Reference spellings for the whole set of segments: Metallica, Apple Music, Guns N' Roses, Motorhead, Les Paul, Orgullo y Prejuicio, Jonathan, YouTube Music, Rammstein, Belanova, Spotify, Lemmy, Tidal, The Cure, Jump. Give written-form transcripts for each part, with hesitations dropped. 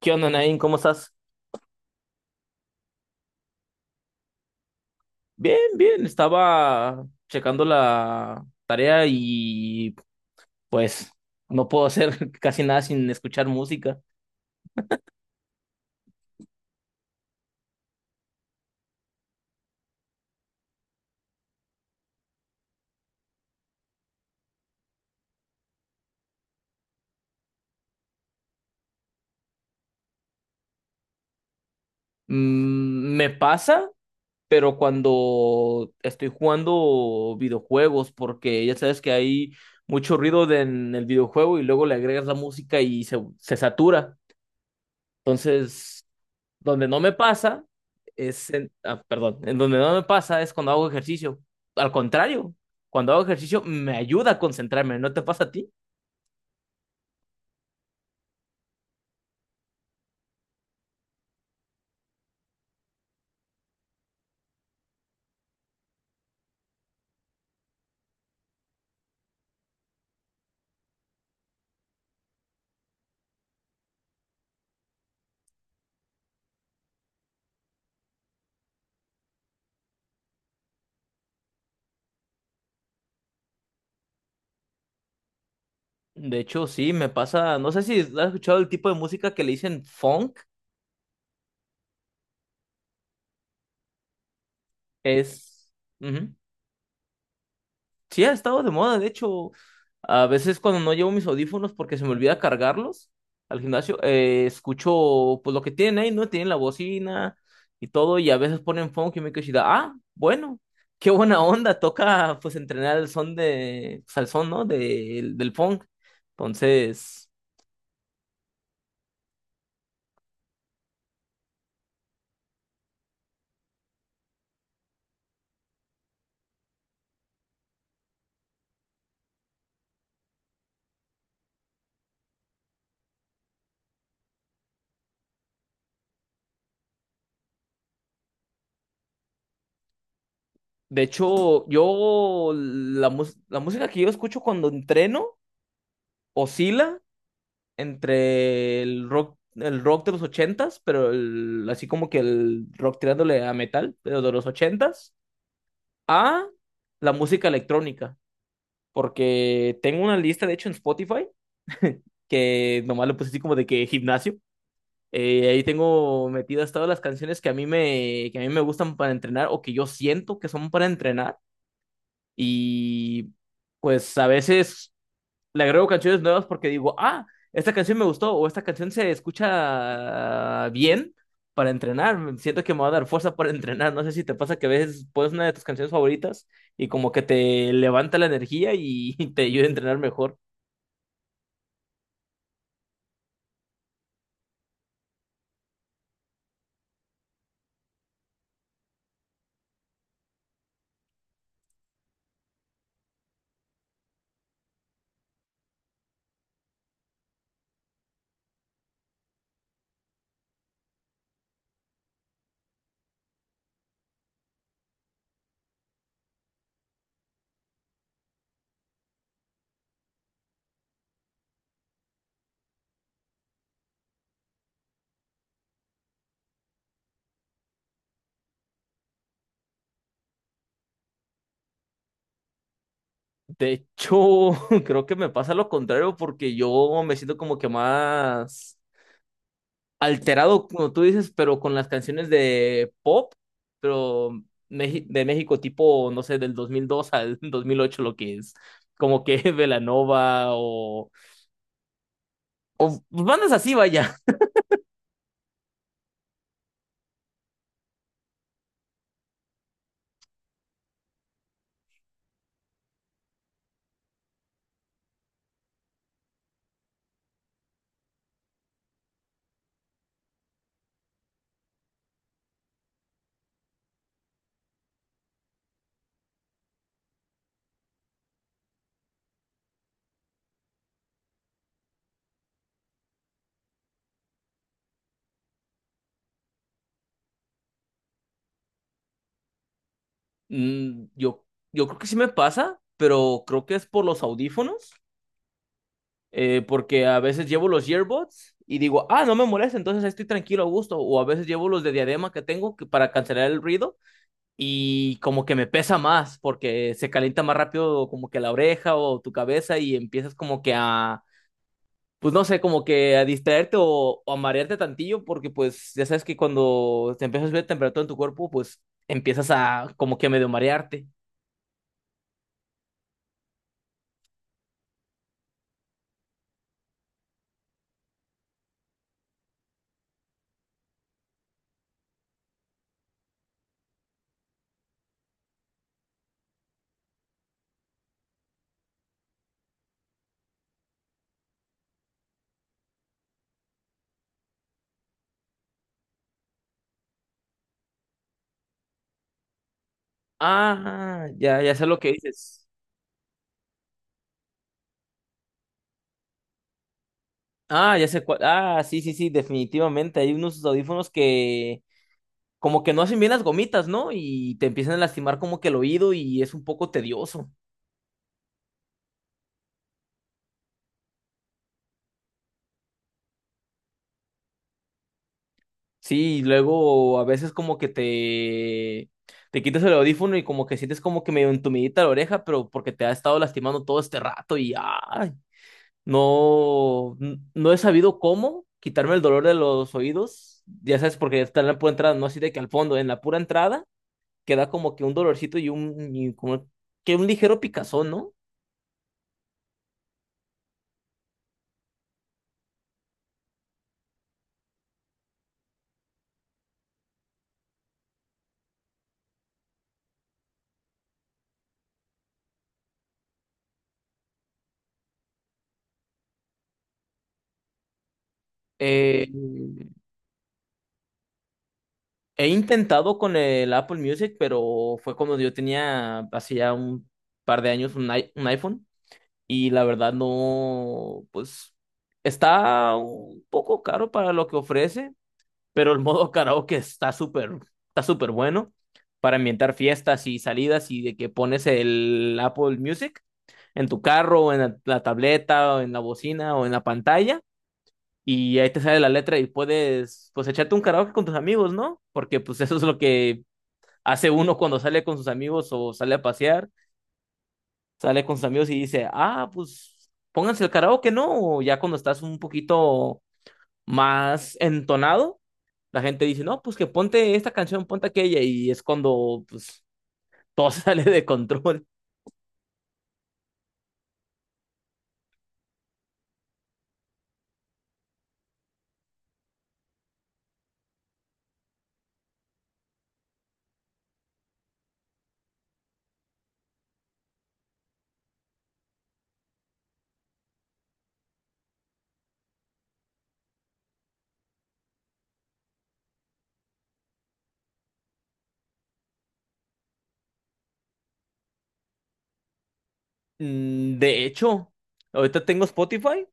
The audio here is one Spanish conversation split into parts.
¿Qué onda, Nain? ¿Cómo estás? Bien, bien. Estaba checando la tarea y pues no puedo hacer casi nada sin escuchar música. Mm, me pasa, pero cuando estoy jugando videojuegos, porque ya sabes que hay mucho ruido en el videojuego y luego le agregas la música y se satura. Entonces, donde no me pasa es en, perdón, en donde no me pasa es cuando hago ejercicio. Al contrario, cuando hago ejercicio me ayuda a concentrarme, ¿no te pasa a ti? De hecho, sí, me pasa, no sé si has escuchado el tipo de música que le dicen funk, es... Ujú. Sí ha estado de moda. De hecho, a veces cuando no llevo mis audífonos porque se me olvida cargarlos al gimnasio, escucho pues lo que tienen ahí, ¿no? Tienen la bocina y todo, y a veces ponen funk y me quedo así de, ah, bueno, qué buena onda, toca pues entrenar el son de, pues, al son, ¿no? Del funk. Entonces, de hecho, la música que yo escucho cuando entreno oscila entre el rock de los ochentas, pero así como que el rock tirándole a metal, pero de los ochentas, a la música electrónica. Porque tengo una lista, de hecho, en Spotify, que nomás le puse así como de que gimnasio. Ahí tengo metidas todas las canciones que que a mí me gustan para entrenar o que yo siento que son para entrenar. Y pues a veces le agrego canciones nuevas porque digo, ah, esta canción me gustó o esta canción se escucha bien para entrenar. Siento que me va a dar fuerza para entrenar. No sé si te pasa que a veces pones una de tus canciones favoritas y como que te levanta la energía y te ayuda a entrenar mejor. De hecho, creo que me pasa lo contrario porque yo me siento como que más alterado, como tú dices, pero con las canciones de pop, pero de México tipo, no sé, del 2002 al 2008 lo que es, como que Belanova o bandas así, vaya. Mm, yo, yo creo que sí me pasa, pero creo que es por los audífonos, porque a veces llevo los earbuds y digo, ah, no me molesta, entonces ahí estoy tranquilo, a gusto, o a veces llevo los de diadema que tengo que, para cancelar el ruido y como que me pesa más porque se calienta más rápido como que la oreja o tu cabeza y empiezas como que a, pues no sé, como que a distraerte o a marearte tantillo porque pues ya sabes que cuando te empiezas a subir la temperatura en tu cuerpo, pues empiezas a como que medio marearte. Ah, ya, ya sé lo que dices. Ah, ya sé cuál. Ah, sí, sí, sí, definitivamente. Hay unos audífonos que como que no hacen bien las gomitas, ¿no? Y te empiezan a lastimar como que el oído y es un poco tedioso. Sí, y luego a veces como que te quitas el audífono y como que sientes como que medio entumidita la oreja, pero porque te ha estado lastimando todo este rato y ay, no, no he sabido cómo quitarme el dolor de los oídos. Ya sabes, porque está en la pura entrada, no así de que al fondo, en la pura entrada queda como que un dolorcito y como que un ligero picazón, ¿no? Eh, he intentado con el Apple Music, pero fue cuando yo tenía hace ya un par de años un iPhone. Y la verdad no, pues está un poco caro para lo que ofrece, pero el modo karaoke está súper bueno para ambientar fiestas y salidas y de que pones el Apple Music en tu carro, o en la tableta, o en la bocina, o en la pantalla, y ahí te sale la letra y puedes, pues echarte un karaoke con tus amigos, ¿no? Porque pues eso es lo que hace uno cuando sale con sus amigos o sale a pasear sale con sus amigos y dice, ah, pues pónganse el karaoke, ¿no? O ya cuando estás un poquito más entonado, la gente dice, no, pues que ponte esta canción, ponte aquella, y es cuando pues todo sale de control. Mm, de hecho, ahorita tengo Spotify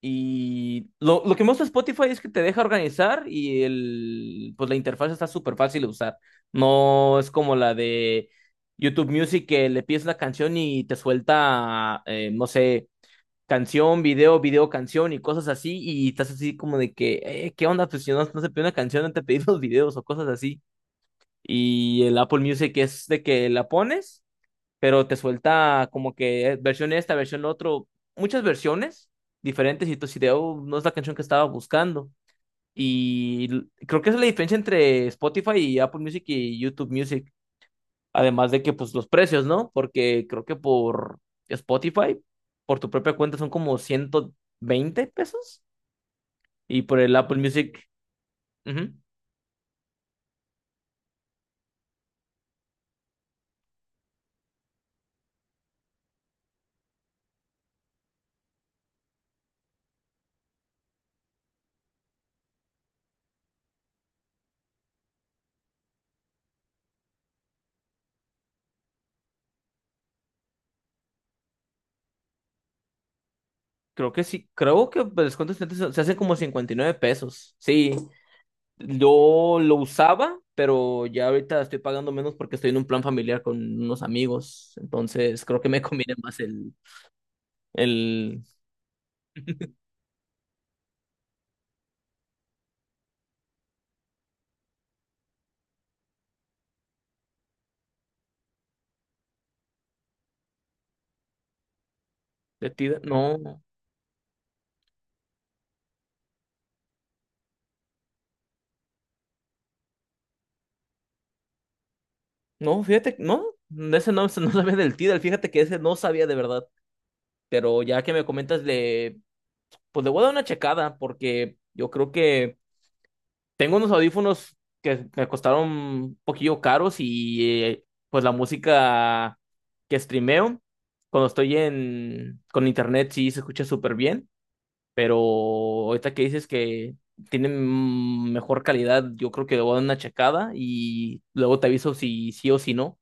y lo que me gusta de Spotify es que te deja organizar y el, pues la interfaz está súper fácil de usar. No es como la de YouTube Music que le pides una canción y te suelta, no sé, canción, video, video, canción y cosas así, y estás así como de que, ¿qué onda? Pues si no, no se pide una canción, no te pedí los videos o cosas así. Y el Apple Music es de que la pones, pero te suelta como que versión esta, versión otro, muchas versiones diferentes y tú si de, "Oh, no es la canción que estaba buscando. Y creo que esa es la diferencia entre Spotify y Apple Music y YouTube Music. Además de que, pues, los precios, ¿no? Porque creo que por Spotify, por tu propia cuenta, son como 120 pesos. Y por el Apple Music, ujú, creo que sí. Creo que el descuento estudiantes se hace como 59 pesos. Sí, yo lo usaba, pero ya ahorita estoy pagando menos porque estoy en un plan familiar con unos amigos. Entonces, creo que me conviene más el, de Tidal, no, no, fíjate, no, ese no, ese no sabía del Tidal, fíjate que ese no sabía de verdad. Pero ya que me comentas, le, pues le voy a dar una checada porque yo creo que tengo unos audífonos que me costaron un poquillo caros y pues la música que streameo cuando estoy en con internet sí se escucha súper bien, pero ahorita que dices que tienen mm, mejor calidad, yo creo que le voy a dar una checada y luego te aviso si sí o si no.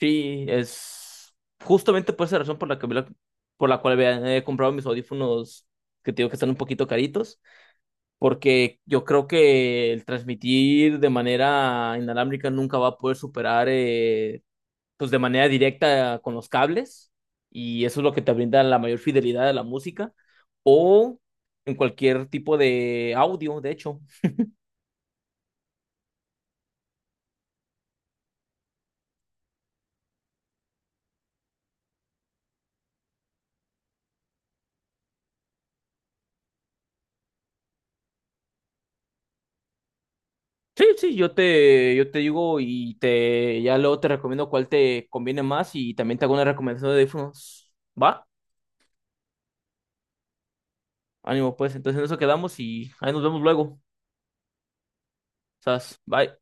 Sí, es justamente por esa razón por la que, por la cual he comprado mis audífonos que te digo que están un poquito caritos, porque yo creo que el transmitir de manera inalámbrica nunca va a poder superar, pues de manera directa con los cables, y eso es lo que te brinda la mayor fidelidad a la música, o en cualquier tipo de audio, de hecho. Sí, sí, yo te digo y te, ya luego te recomiendo cuál te conviene más y también te hago una recomendación de audífonos. ¿Va? Ánimo, pues. Entonces en eso quedamos y ahí nos vemos luego. Sas, bye.